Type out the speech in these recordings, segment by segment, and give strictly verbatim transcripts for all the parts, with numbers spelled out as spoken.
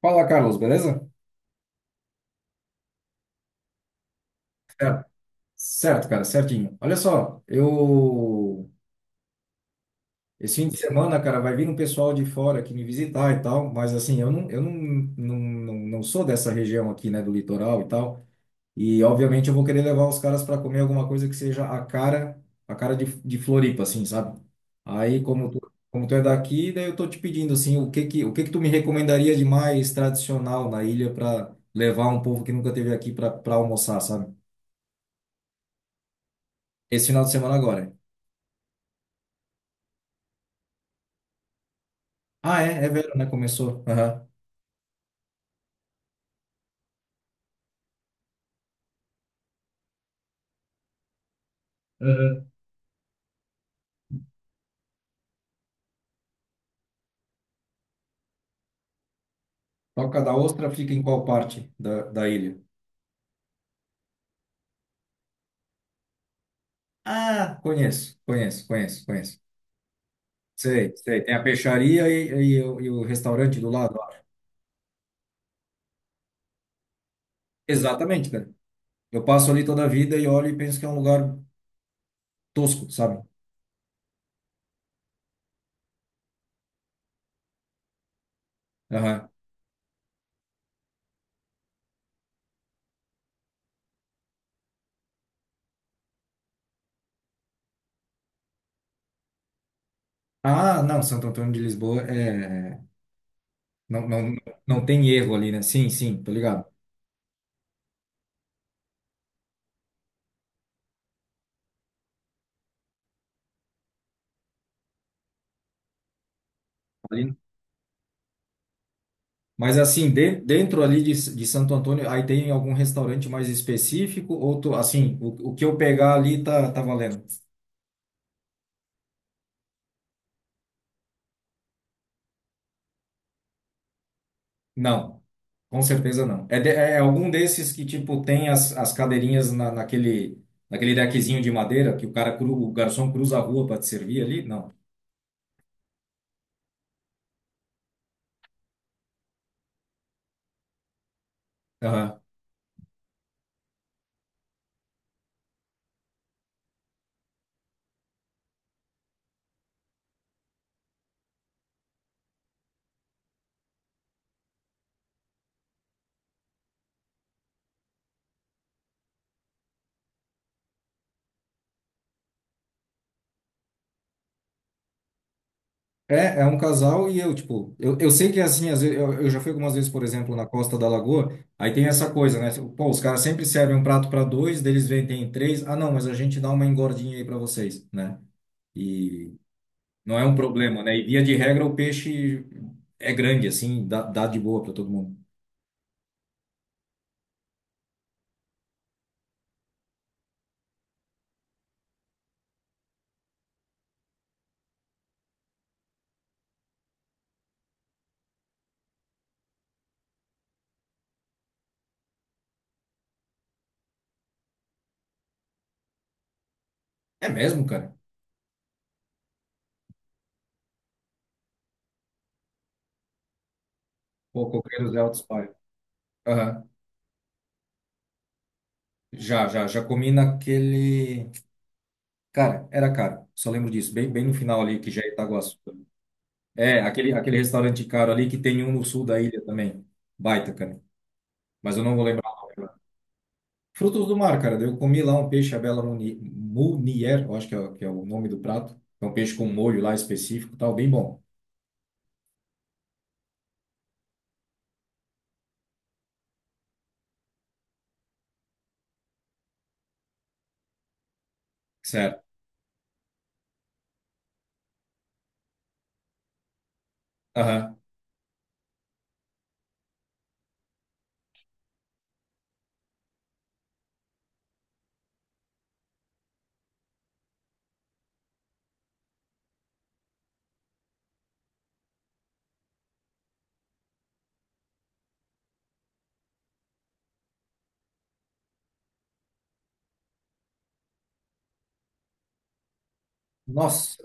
Fala, Carlos, beleza? Certo, certo, cara, certinho. Olha só. Eu. Esse fim de semana, cara, vai vir um pessoal de fora aqui me visitar e tal, mas assim, eu não, eu não, não, não, não sou dessa região aqui, né, do litoral e tal, e obviamente eu vou querer levar os caras para comer alguma coisa que seja a cara, a cara de, de Floripa, assim, sabe? Aí, como tu, como tu é daqui, daí eu tô te pedindo, assim, o que que, o que que tu me recomendaria de mais tradicional na ilha para levar um povo que nunca esteve aqui para almoçar, sabe? Esse final de semana agora. Ah, é, é verão, né? Começou. Aham. Aham. Toca da Ostra fica em qual parte da, da ilha? Ah, conheço, conheço, conheço, conheço. Sei, sei. Tem a peixaria e, e o, e o restaurante do lado lá. Exatamente, cara. Eu passo ali toda a vida e olho e penso que é um lugar tosco, sabe? Aham. Ah, não, Santo Antônio de Lisboa é. Não, não, não tem erro ali, né? Sim, sim, tô ligado. Ali Mas assim, de- dentro ali de, S- de Santo Antônio, aí tem algum restaurante mais específico? Ou tu, assim, o, o que eu pegar ali tá, tá valendo? Não, com certeza não. É, de- é é algum desses que, tipo, tem as, as cadeirinhas na, naquele, naquele deckzinho de madeira que o cara, cru, o garçom cruza a rua para te servir ali? Não. É, é um casal e eu, tipo, eu, eu sei que é assim, às vezes, eu, eu já fui algumas vezes, por exemplo, na Costa da Lagoa, aí tem essa coisa, né? Tipo, pô, os caras sempre servem um prato para dois, deles vendem três, ah, não, mas a gente dá uma engordinha aí para vocês, né? E não é um problema, né? E via de regra o peixe é grande, assim, dá, dá de boa para todo mundo. É mesmo, cara? Pô, Coqueiros é alto pai. Aham. Já, já, já comi naquele. Cara, era caro, só lembro disso, bem, bem no final ali, que já é Itaguaçu. É, aquele, aquele restaurante caro ali que tem um no sul da ilha também. Baita, cara. Mas eu não vou lembrar o nome agora. Frutos do mar, cara. Eu comi lá um peixe à bela muni- munier, eu acho que é, que é o nome do prato. É um peixe com molho lá específico, e tal, bem bom. Certo. Aham. Nossa,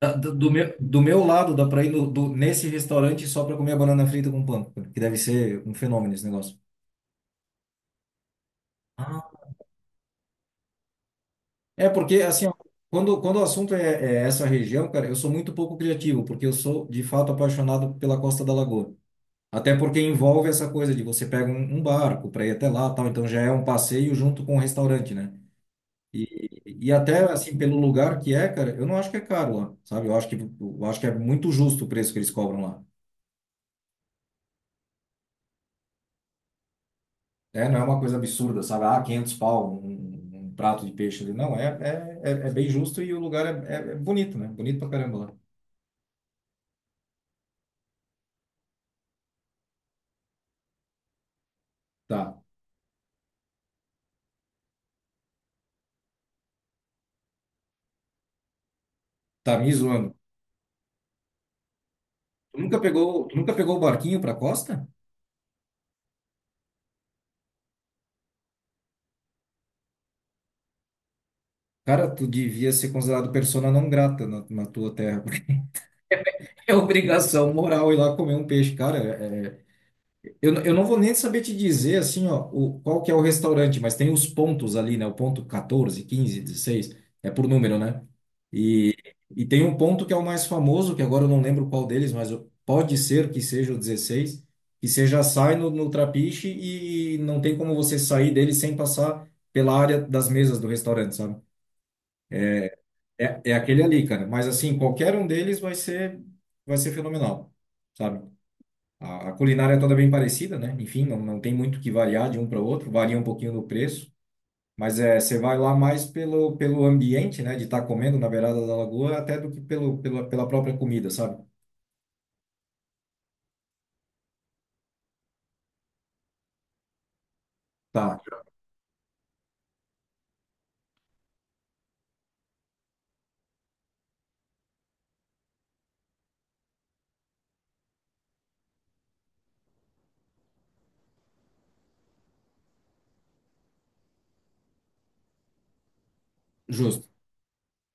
da- do, do meu, do meu lado dá pra ir no, do, nesse restaurante só pra comer a banana frita com pão, cara, que deve ser um fenômeno esse negócio. Ah. É porque, assim, ó, quando, quando o assunto é, é essa região, cara, eu sou muito pouco criativo, porque eu sou, de fato, apaixonado pela Costa da Lagoa. Até porque envolve essa coisa de você pega um, um barco para ir até lá, tal, então já é um passeio junto com o restaurante, né? E, e até assim pelo lugar que é, cara, eu não acho que é caro lá, sabe? Eu acho que eu acho que é muito justo o preço que eles cobram lá. É, não é uma coisa absurda, sabe? Ah, quinhentos pau um, um um prato de peixe ali. Não, é, é, é, é bem justo e o lugar é, é, é bonito, né? Bonito pra caramba lá. Tá, tá me zoando. Tu nunca pegou, tu nunca pegou o barquinho pra costa? Cara, tu devia ser considerado persona não grata na, na tua terra. É obrigação moral ir lá comer um peixe, cara. é- é, eu, eu não vou nem saber te dizer assim, ó, o, qual que é o restaurante, mas tem os pontos ali, né? O ponto catorze, quinze, dezesseis é por número, né? E, e tem um ponto que é o mais famoso, que agora eu não lembro qual deles, mas o- pode ser que seja o dezesseis, que você já sai no, no trapiche e não tem como você sair dele sem passar pela área das mesas do restaurante, sabe? É, é aquele ali, cara. Mas assim, qualquer um deles vai ser, vai ser fenomenal. Sabe? A, a culinária é toda bem parecida, né? Enfim, não, não tem muito que variar de um para o outro, varia um pouquinho no preço, mas é, você vai lá mais pelo, pelo ambiente, né? De estar comendo na beirada da lagoa, até do que pelo, pela, pela própria comida, sabe? Tá. Justo.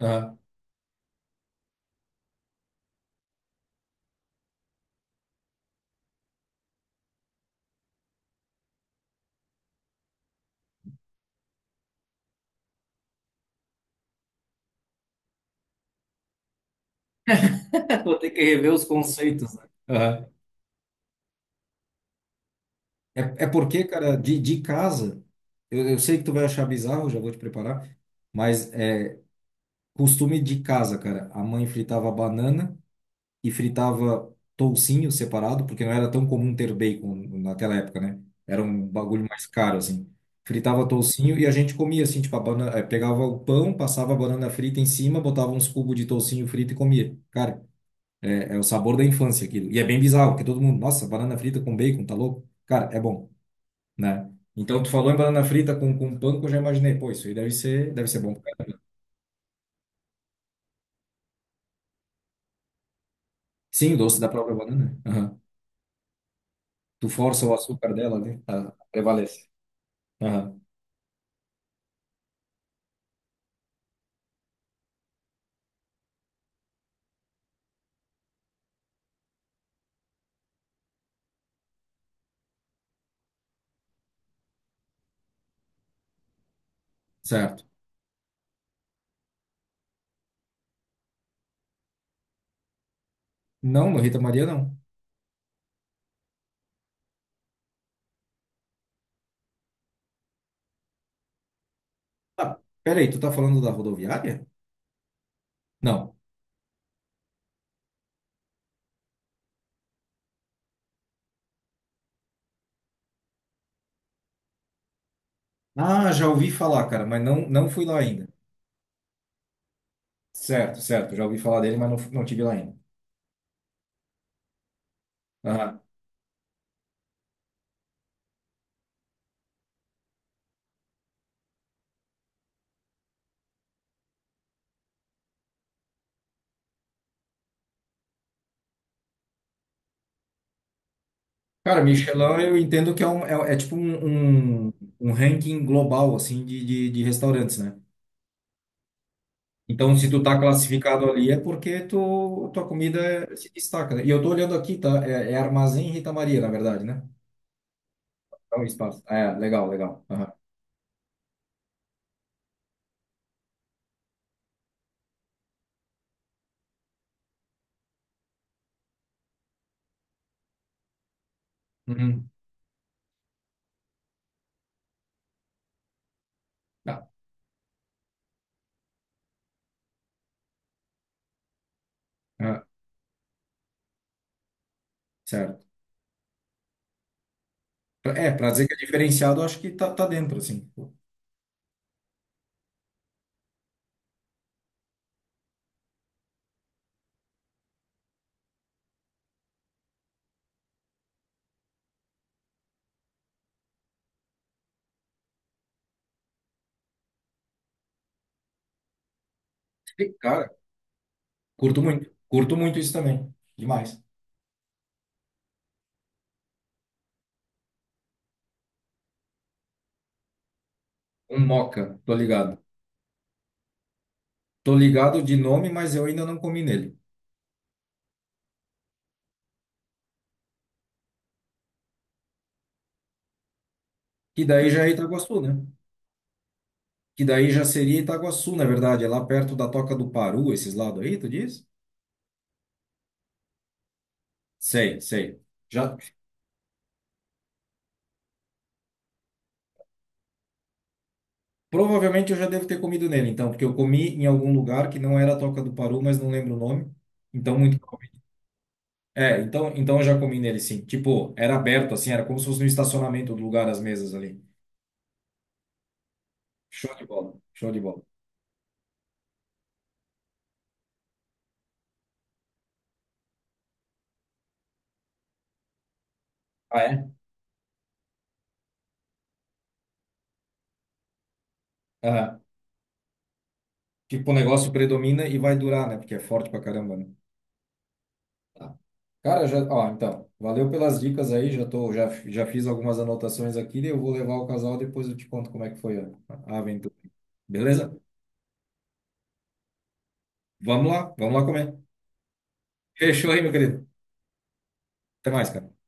Aham. Vou ter que rever os conceitos, né? Aham. É, é porque, cara, de, de casa, eu, eu sei que tu vai achar bizarro, já vou te preparar, mas é costume de casa, cara. A mãe fritava banana e fritava toucinho separado, porque não era tão comum ter bacon naquela época, né? Era um bagulho mais caro, assim. Fritava toucinho e a gente comia, assim, tipo, a banana, eh, pegava o pão, passava a banana frita em cima, botava uns cubos de toucinho frito e comia. Cara, é, é o sabor da infância aquilo. E é bem bizarro, porque todo mundo, nossa, banana frita com bacon, tá louco? Cara, é bom, né? Então, tu falou em banana frita com, com pão, que eu já imaginei, pô, isso aí deve ser, deve ser bom. Sim, o doce da própria banana, né? Aham. Tu força o açúcar dela, né? a- Prevalece. Aham. Certo. Não, no Rita Maria não. Ah, peraí, tu tá falando da rodoviária? Não. Ah, já ouvi falar, cara, mas não, não fui lá ainda. Certo, certo, já ouvi falar dele, mas não, não tive lá ainda. Aham. Cara, Michelin, eu entendo que é, um, é, é tipo um, um, um ranking global, assim, de, de, de restaurantes, né? Então, se tu tá classificado ali, é porque tu, tua comida é- se destaca, né? E eu tô olhando aqui, tá? É, é Armazém Rita Maria, na verdade, né? É um espaço. É, legal, legal. Aham. Uhum. Tá. Aham. Certo. É, pra dizer que é diferenciado, eu acho que tá, tá dentro, assim. Pô, que cara, curto muito. Curto muito isso também. Demais. Um moca, tô ligado. Tô ligado de nome, mas eu ainda não comi nele. Que daí já é Itaguaçu, né? Que daí já seria Itaguaçu, na verdade. É lá perto da Toca do Paru, esses lados aí, tu diz? Sei, sei. Já, provavelmente eu já devo ter comido nele, então, porque eu comi em algum lugar que não era a Toca do Paru, mas não lembro o nome. Então, muito. É, então, então eu já comi nele sim. Tipo, era aberto assim, era como se fosse no estacionamento do lugar as mesas ali. Show de bola, show de bola. Ah, é? Aham. Tipo, o negócio predomina e vai durar, né? Porque é forte pra caramba, né? Tá. Cara, já, ó, então, valeu pelas dicas aí, já tô, já, já fiz algumas anotações aqui, eu vou levar o casal, depois eu te conto como é que foi a a aventura. Beleza? Vamos lá, vamos lá comer. Fechou aí, meu querido. Até mais, cara.